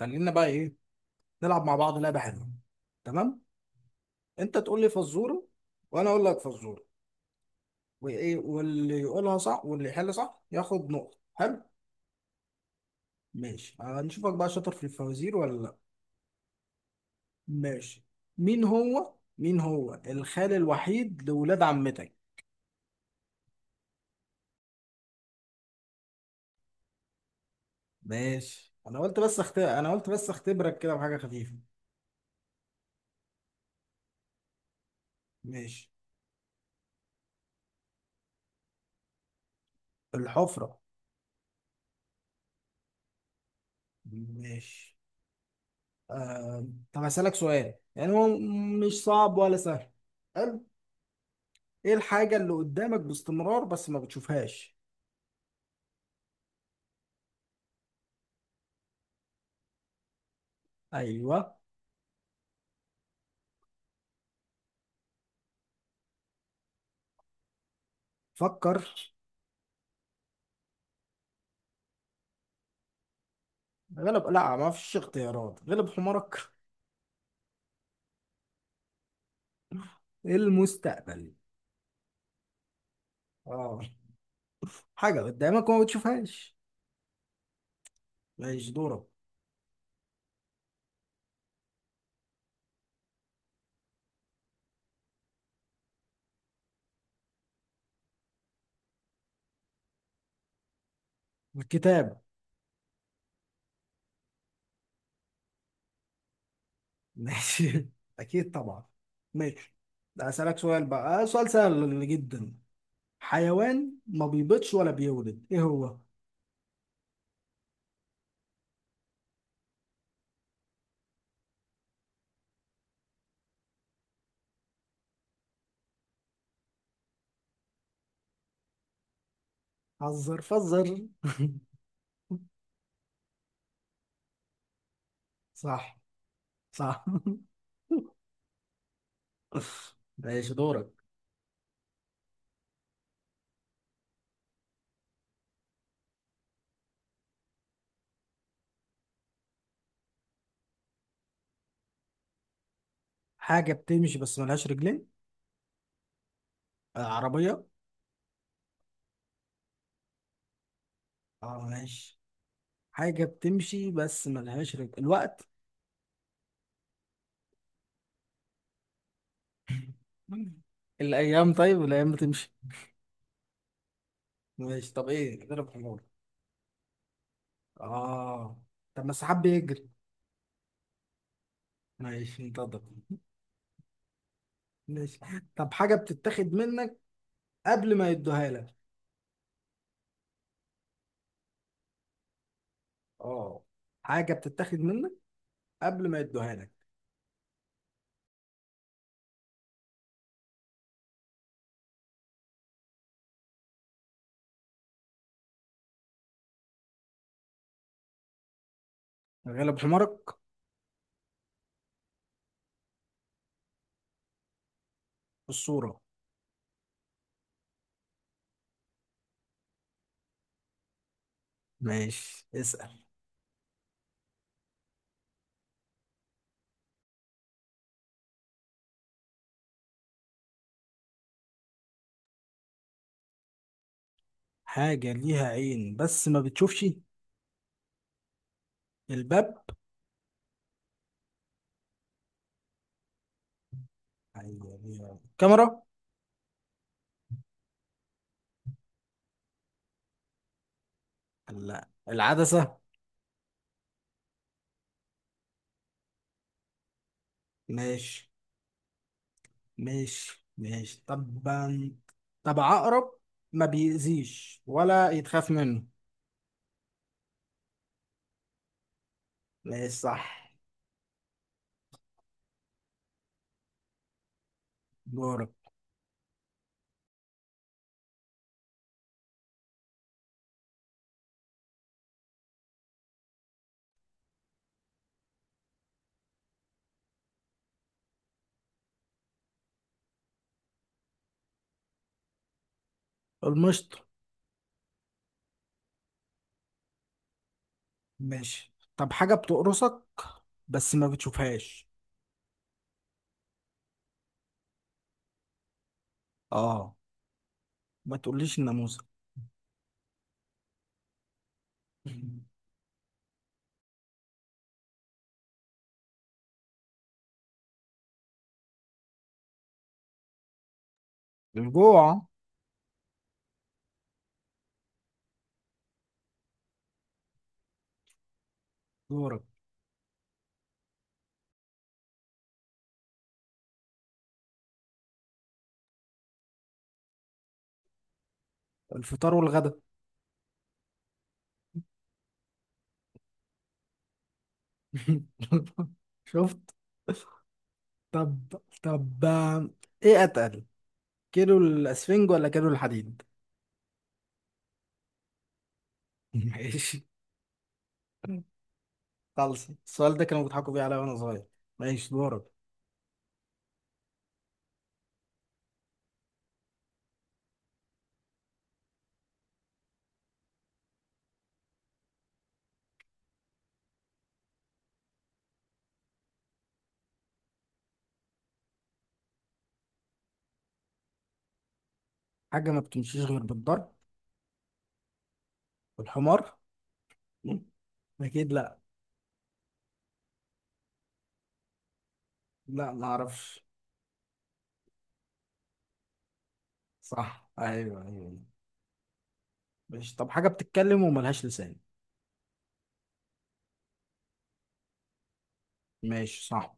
خلينا بقى ايه، نلعب مع بعض لعبه حلوه. تمام. انت تقول لي فزوره وانا اقول لك فزوره. واللي يقولها صح واللي يحل صح ياخد نقطه. حلو. ماشي، هنشوفك بقى شاطر في الفوازير ولا لا؟ ماشي. مين هو الخال الوحيد لولاد عمتك؟ ماشي، انا قلت بس اختبرك كده بحاجه خفيفه. ماشي. الحفره. ماشي. آه... طب هسألك سؤال، يعني هو مش صعب ولا سهل، حلو؟ ايه الحاجة اللي قدامك باستمرار بس ما بتشوفهاش؟ ايوه. فكر. غلب، لا ما فيش اختيارات، غلب حمارك. المستقبل. اه، حاجة قدامك وما بتشوفهاش. ماشي دورك. الكتاب. ماشي، اكيد طبعا. ماشي. ده اسألك سؤال بقى، سؤال سهل جدا. حيوان ما بيبيضش ولا بيولد ايه هو؟ حذر فذر. صح صح. ماشي دورك. حاجة بتمشي بس ملهاش رجلين. عربية. اه ماشي. حاجة بتمشي بس ملهاش رجل، الوقت. طيب الأيام بتمشي. ماشي، طب إيه؟ اضرب حمار. اه. طب ما السحاب بيجري. ماشي انتظر. ماشي. طب حاجة بتتاخد منك قبل ما يدوها لك. اه. حاجة بتتاخد منك قبل ما يدوها لك. غلب حمارك. الصورة. ماشي اسأل. حاجة ليها عين بس ما بتشوفش. الباب. أيوة، ليها عين. كاميرا. لا، العدسة. ماشي ماشي ماشي طبعا. طب عقرب، ما بيأذيش ولا يتخاف منه. ماشي صح. دورك. المشط. ماشي، طب حاجة بتقرصك بس ما بتشوفهاش. اه. ما تقوليش الناموسة. الجوع. دورك. الفطار والغدا. شفت؟ طب، طب آه، ايه اتقل، كيلو الاسفنج ولا كيلو الحديد؟ ماشي. خلص، السؤال ده كانوا بيضحكوا بيه عليا وانا صغير. ماشي دورك. حاجة ما بتمشيش غير بالضرب. والحمار. مم. أكيد لا. لا ما أعرفش. صح أيوه أيوه. ماشي، طب حاجة بتتكلم وملهاش لسان. ماشي صح.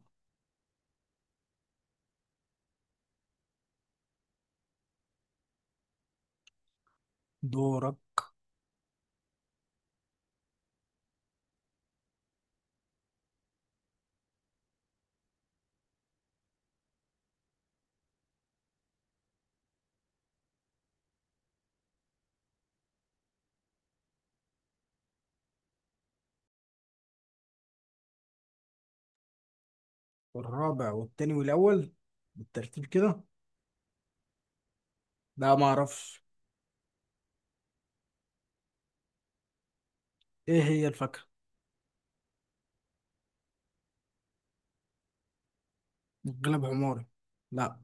دورك. الرابع والتاني والأول، بالترتيب كده؟ لا ما أعرفش. إيه هي الفاكهة؟ الجلب حماري. لا.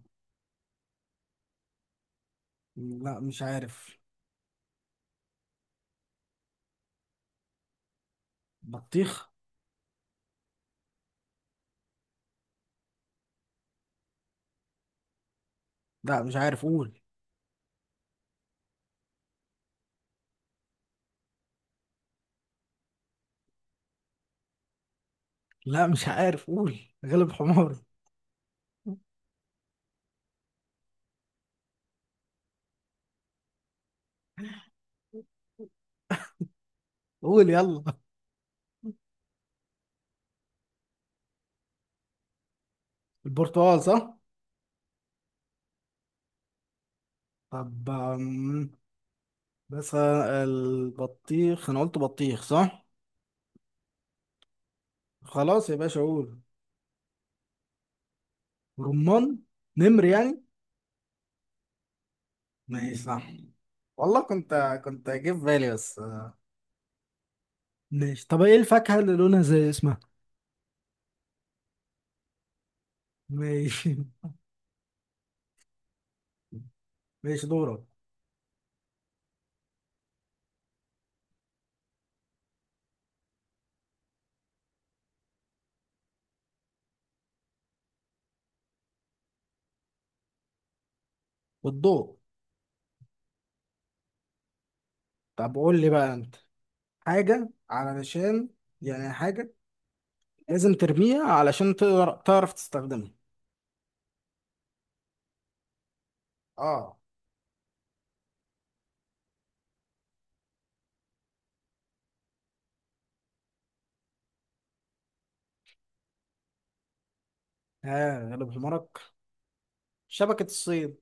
لا مش عارف. بطيخ. لا مش عارف، قول. لا مش عارف، قول. غلب حماري. قول يلا. البرتقال صح؟ طب بس البطيخ انا قلت بطيخ صح. خلاص يا باشا قول. رمان. نمر يعني. ماشي صح. والله، كنت جاي في بالي بس. ماشي، طب ايه الفاكهة اللي لونها زي اسمها؟ ماشي. ماشي دورك. والضوء. طب قول لي بقى انت، حاجة علشان يعني حاجة لازم ترميها علشان تقدر تعرف تستخدمها. اه. ها، غلب حمارك. شبكة الصيد.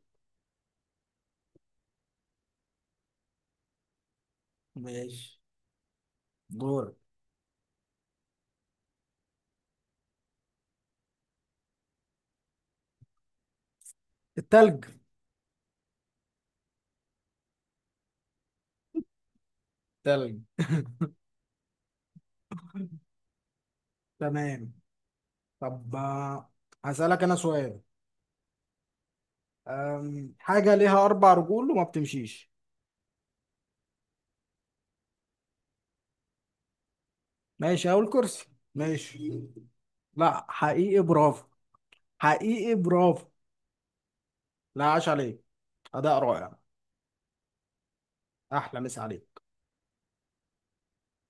ماشي دورك. التلج. تلج. تمام. طب هسألك أنا سؤال، حاجة ليها أربع رجول وما بتمشيش. ماشي أهو الكرسي. ماشي. لا حقيقي برافو. حقيقي برافو. لا عاش عليك. أداء رائع. أحلى مسا عليك.